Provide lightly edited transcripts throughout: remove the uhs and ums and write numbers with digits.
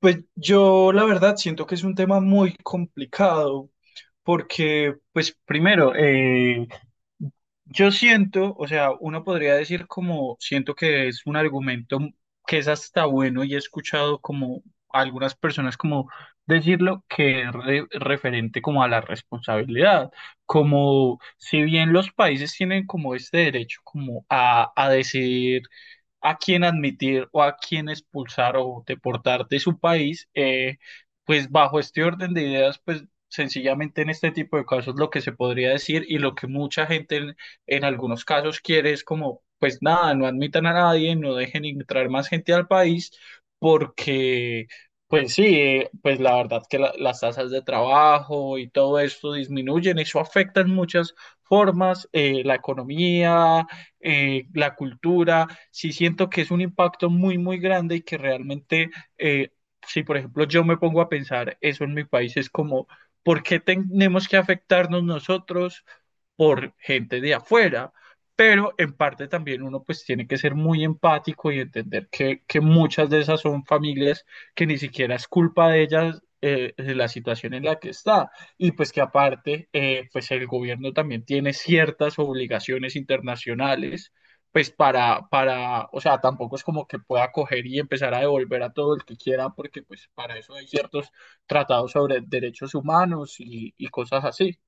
Pues yo la verdad siento que es un tema muy complicado porque, pues primero, yo siento, o sea, uno podría decir como, siento que es un argumento que es hasta bueno y he escuchado como algunas personas como decirlo que es referente como a la responsabilidad, como si bien los países tienen como este derecho como a decidir a quién admitir o a quién expulsar o deportar de su país, pues bajo este orden de ideas, pues sencillamente en este tipo de casos lo que se podría decir y lo que mucha gente en algunos casos quiere es como, pues nada, no admitan a nadie, no dejen entrar más gente al país porque... Pues sí, pues la verdad que las tasas de trabajo y todo esto disminuyen, eso afecta en muchas formas, la economía, la cultura, sí siento que es un impacto muy, muy grande y que realmente, eh, si por ejemplo yo me pongo a pensar eso en mi país, es como, ¿por qué tenemos que afectarnos nosotros por gente de afuera? Pero en parte también uno pues tiene que ser muy empático y entender que muchas de esas son familias que ni siquiera es culpa de ellas de la situación en la que está, y pues que aparte, pues el gobierno también tiene ciertas obligaciones internacionales, pues para, o sea, tampoco es como que pueda coger y empezar a devolver a todo el que quiera, porque pues para eso hay ciertos tratados sobre derechos humanos y cosas así.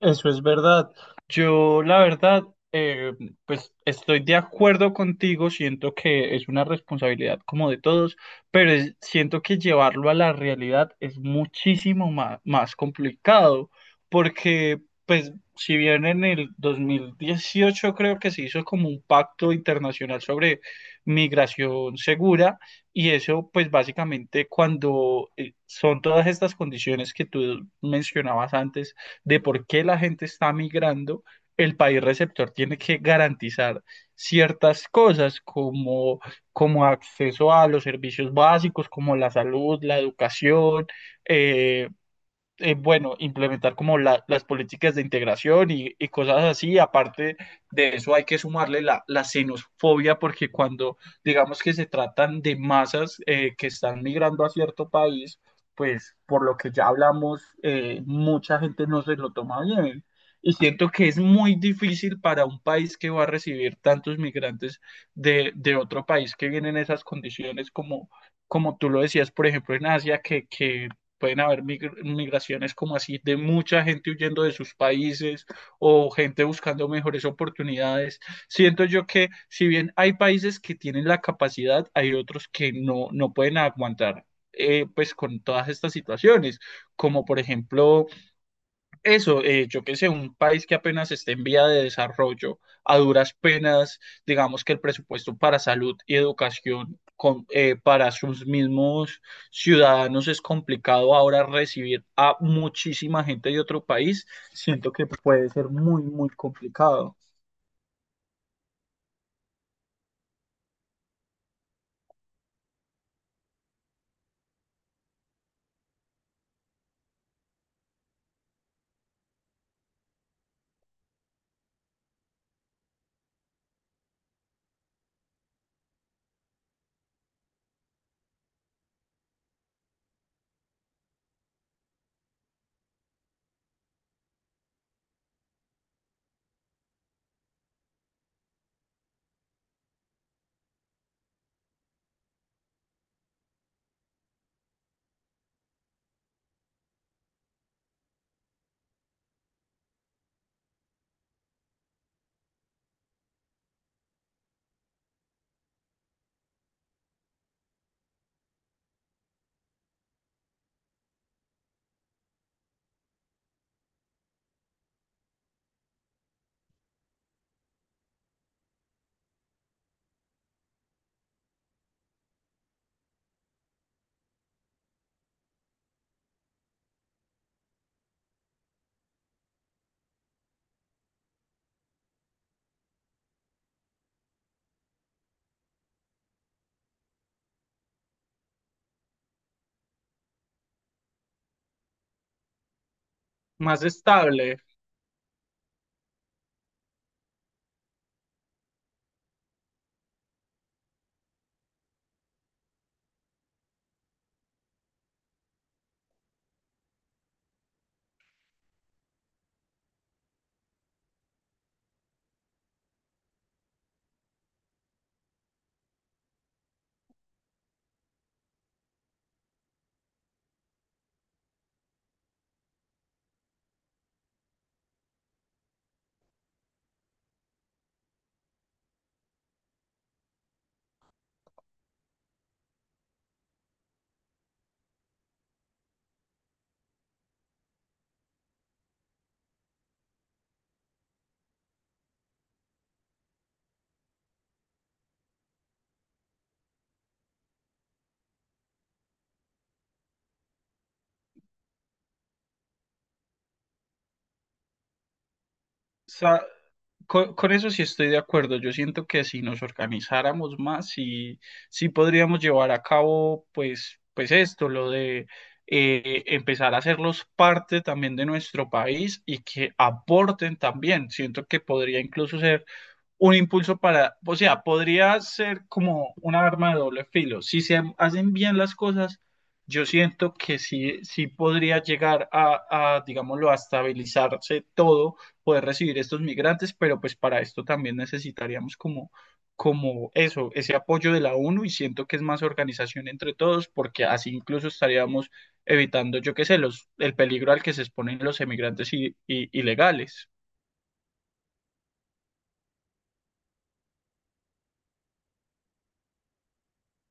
Eso es verdad. Yo, la verdad, eh, pues estoy de acuerdo contigo, siento que es una responsabilidad como de todos, pero siento que llevarlo a la realidad es muchísimo más complicado, porque pues si bien en el 2018 creo que se hizo como un pacto internacional sobre migración segura, y eso pues básicamente cuando son todas estas condiciones que tú mencionabas antes, de por qué la gente está migrando, el país receptor tiene que garantizar ciertas cosas como, como acceso a los servicios básicos, como la salud, la educación, eh, bueno, implementar como las políticas de integración y cosas así. Aparte de eso, hay que sumarle la xenofobia, porque cuando digamos que se tratan de masas que están migrando a cierto país, pues por lo que ya hablamos, mucha gente no se lo toma bien. Y siento que es muy difícil para un país que va a recibir tantos migrantes de otro país que vienen en esas condiciones como, como tú lo decías, por ejemplo, en Asia, que pueden haber migraciones como así de mucha gente huyendo de sus países o gente buscando mejores oportunidades. Siento yo que si bien hay países que tienen la capacidad, hay otros que no, no pueden aguantar pues con todas estas situaciones, como por ejemplo eso, yo qué sé, un país que apenas esté en vía de desarrollo, a duras penas, digamos que el presupuesto para salud y educación para sus mismos ciudadanos es complicado ahora recibir a muchísima gente de otro país, siento que puede ser muy, muy complicado. Más estable, sa- con eso sí estoy de acuerdo. Yo siento que si nos organizáramos más, sí, sí podríamos llevar a cabo, pues, pues esto, lo de empezar a hacerlos parte también de nuestro país y que aporten también. Siento que podría incluso ser un impulso para, o sea, podría ser como una arma de doble filo. Si se hacen bien las cosas, yo siento que sí, sí podría llegar a, digámoslo, a estabilizarse todo, poder recibir estos migrantes, pero pues para esto también necesitaríamos como, como eso, ese apoyo de la ONU y siento que es más organización entre todos, porque así incluso estaríamos evitando, yo qué sé, los, el peligro al que se exponen los emigrantes ilegales.